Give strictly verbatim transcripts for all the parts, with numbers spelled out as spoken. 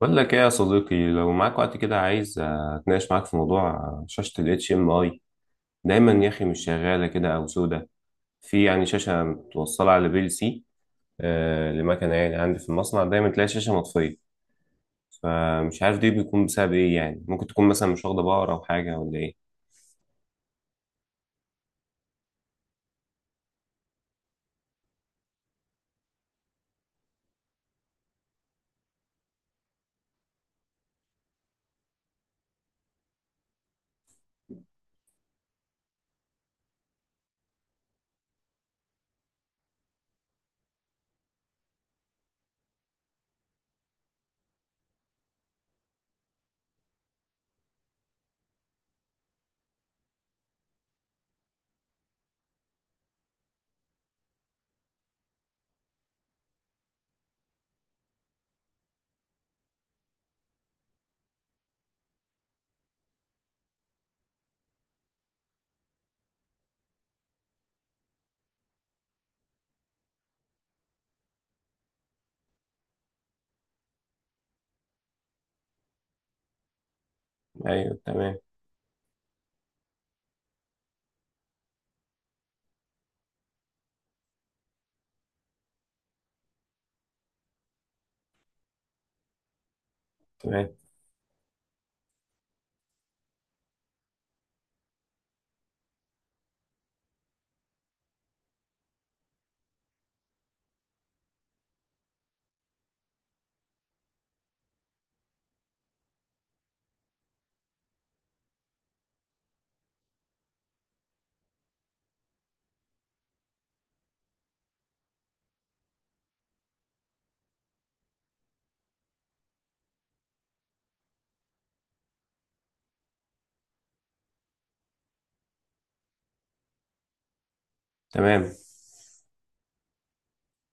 بقول لك ايه يا صديقي؟ لو معاك وقت كده، عايز آه، اتناقش معاك في موضوع آه، شاشة ال اتش ام اي. دايما يا اخي مش شغالة كده، او سودة. في يعني شاشة متوصلة على بي ال سي آه، لمكنة، يعني عندي في المصنع دايما تلاقي شاشة مطفية. فمش عارف دي بيكون بسبب ايه؟ يعني ممكن تكون مثلا مش واخدة باور، او حاجة، ولا ايه؟ ايوه، تمام. تمام. تمام.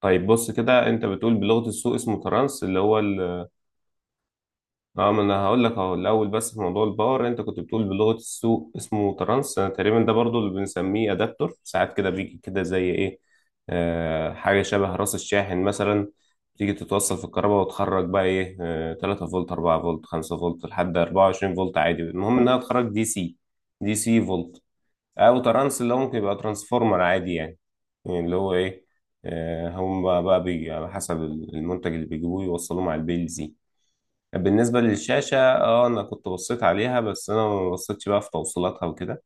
طيب بص كده، انت بتقول بلغة السوق اسمه ترانس اللي هو ال. اه، ما انا هقول لك اهو الاول. بس في موضوع الباور انت كنت بتقول بلغه السوق اسمه ترانس، أنا تقريبا ده برضو اللي بنسميه ادابتور ساعات كده، بيجي كده زي ايه؟ آه حاجه شبه راس الشاحن مثلا. تيجي تتوصل في الكهرباء، وتخرج بقى ايه؟ آه ثلاثة فولت، اربعة فولت، خمسة فولت، لحد اربعة وعشرين فولت عادي. المهم انها تخرج دي سي. دي سي فولت. او ترانس اللي هو ممكن يبقى ترانسفورمر عادي يعني. يعني اللي هو ايه؟ آه هم بقى بقى بيجي على حسب المنتج اللي بيجيبوه يوصلوه مع البيلز. بالنسبة للشاشة، اه، انا كنت بصيت عليها، بس انا ما بصيتش بقى في توصيلاتها وكده.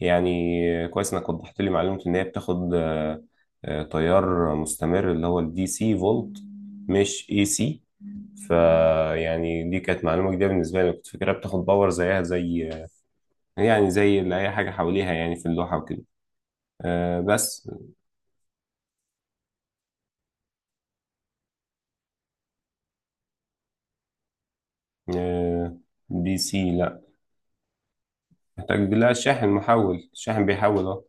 يعني كويس انك وضحت لي معلومة ان هي بتاخد آه، آه، تيار مستمر اللي هو الدي سي فولت، مش اي سي. فيعني دي كانت معلومة جديدة بالنسبة لي، كنت فاكرها بتاخد باور زيها زي آه، يعني زي اللي اي حاجة حواليها، يعني في اللوحة وكده آه، بس. آه، دي سي، لا، محتاج لها شاحن، محول الشاحن بيحول، اه.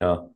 اه،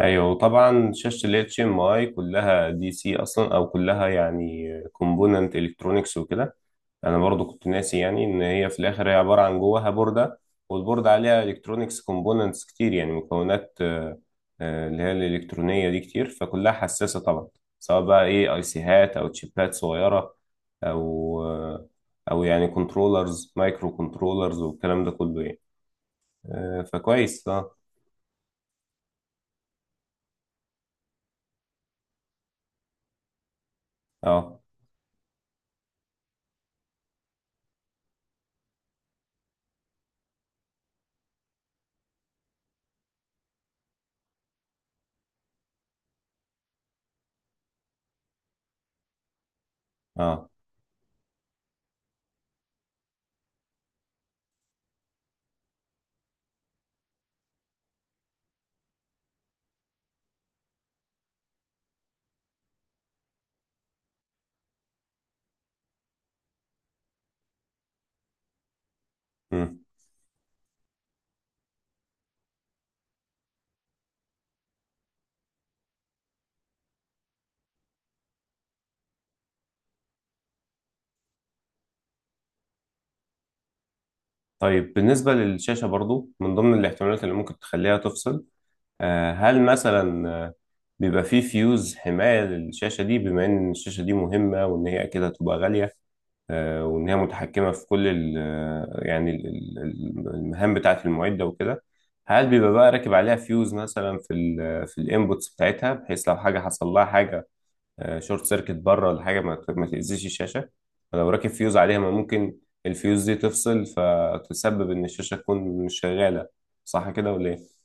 ايوه، وطبعا شاشه ال اتش ام اي كلها دي سي اصلا، او كلها يعني كومبوننت الكترونكس وكده. انا برضو كنت ناسي يعني ان هي في الاخر هي عباره عن جواها بورده. والبورده عليها الكترونكس كومبوننتس كتير، يعني مكونات آه، آه، اللي هي الالكترونيه دي كتير، فكلها حساسه طبعا. سواء بقى ايه اي سيهات او تشيبات صغيره، او آه، او يعني كنترولرز، مايكرو كنترولرز والكلام ده كله يعني. آه، فكويس، اه. اه. اه. مم. طيب بالنسبة للشاشة برضو، من ضمن الاحتمالات اللي ممكن تخليها تفصل، آه، هل مثلا آه، بيبقى فيه فيوز حماية للشاشة دي، بما إن الشاشة دي مهمة وإن هي أكيد هتبقى غالية، آه، وإن هي متحكمة في كل ال آه، يعني ال- ال- المهام بتاعة المعدة وكده؟ هل بيبقى بقى راكب عليها فيوز مثلا في ال آه، في الانبوتس بتاعتها، بحيث لو حاجة حصل لها حاجة آه، شورت سيركت بره ولا حاجه، ما ت- ما تاذيش الشاشه. ولو راكب فيوز عليها، ما ممكن الفيوز دي تفصل فتسبب ان الشاشه تكون مش شغاله؟ صح كده، ولا ايه؟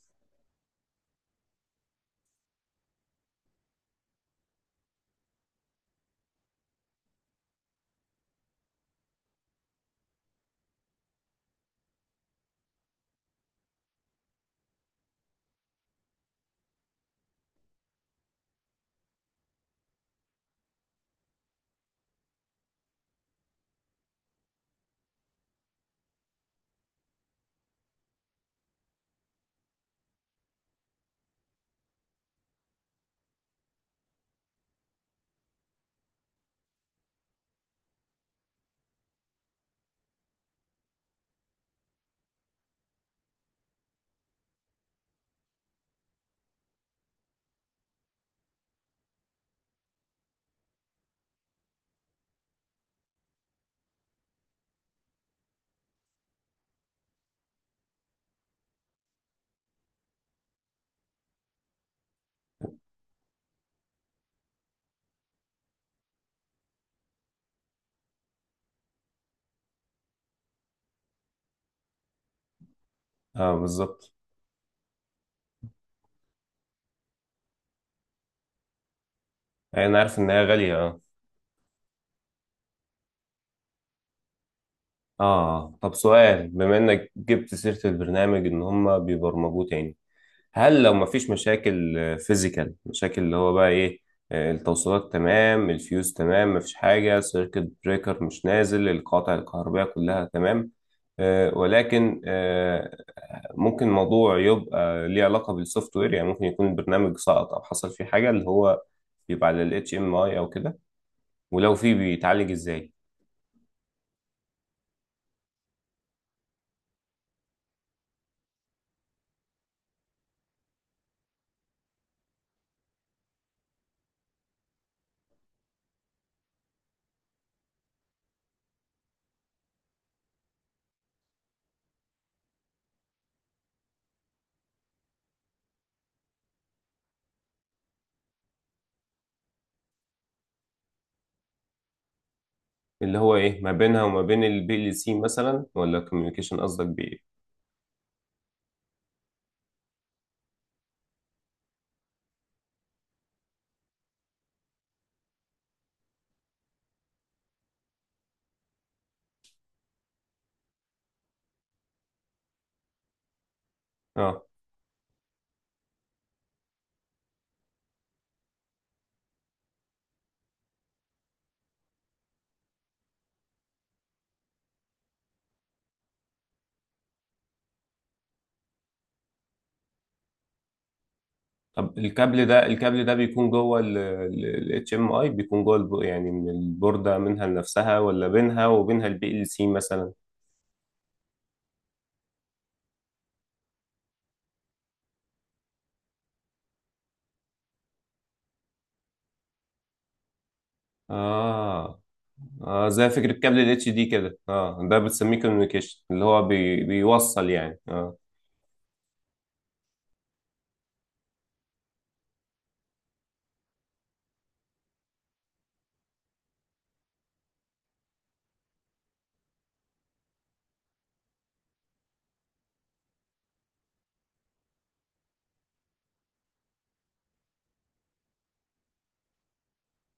اه، بالظبط. يعني انا عارف ان هي غاليه، اه. اه. آه. طب سؤال، بما انك جبت سيره البرنامج ان هم بيبرمجوه تاني، هل لو مفيش مشاكل، فيزيكال مشاكل اللي هو بقى ايه، آه، التوصيلات تمام، الفيوز تمام، مفيش حاجة، سيركت بريكر مش نازل، القاطع الكهربائية كلها تمام، آه، ولكن آه، ممكن الموضوع يبقى ليه علاقة بالسوفت وير؟ يعني ممكن يكون البرنامج سقط، او حصل فيه حاجة اللي هو بيبقى على ال اتش ام اي او كده، ولو فيه، بيتعالج ازاي؟ اللي هو ايه ما بينها وما بين البي ال سي مثلا؟ ولا كوميونيكيشن قصدك بايه؟ اه، طب الكابل ده، الكابل ده بيكون جوه ال اتش ام اي، بيكون جوه الب- يعني من البوردة منها لنفسها، ولا بينها وبينها البي ال سي مثلا؟ اه. اه، زي فكرة كابل الاتش دي كده، اه. ده بتسميه كوميونيكيشن اللي هو بي بيوصل، يعني اه.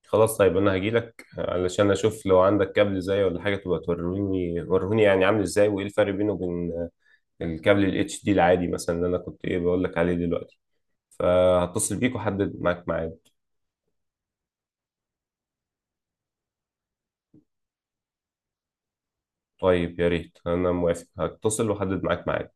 خلاص طيب، انا هجيلك علشان اشوف لو عندك كابل زي ولا حاجة تبقى توريني، وريني يعني عامل ازاي، وايه الفرق بينه وبين آه، الكابل الاتش دي العادي مثلا، اللي انا كنت ايه بقول لك عليه دلوقتي. فهتصل بيك واحدد معاك ميعاد. طيب يا ريت، انا موافق، هتصل واحدد معاك ميعاد.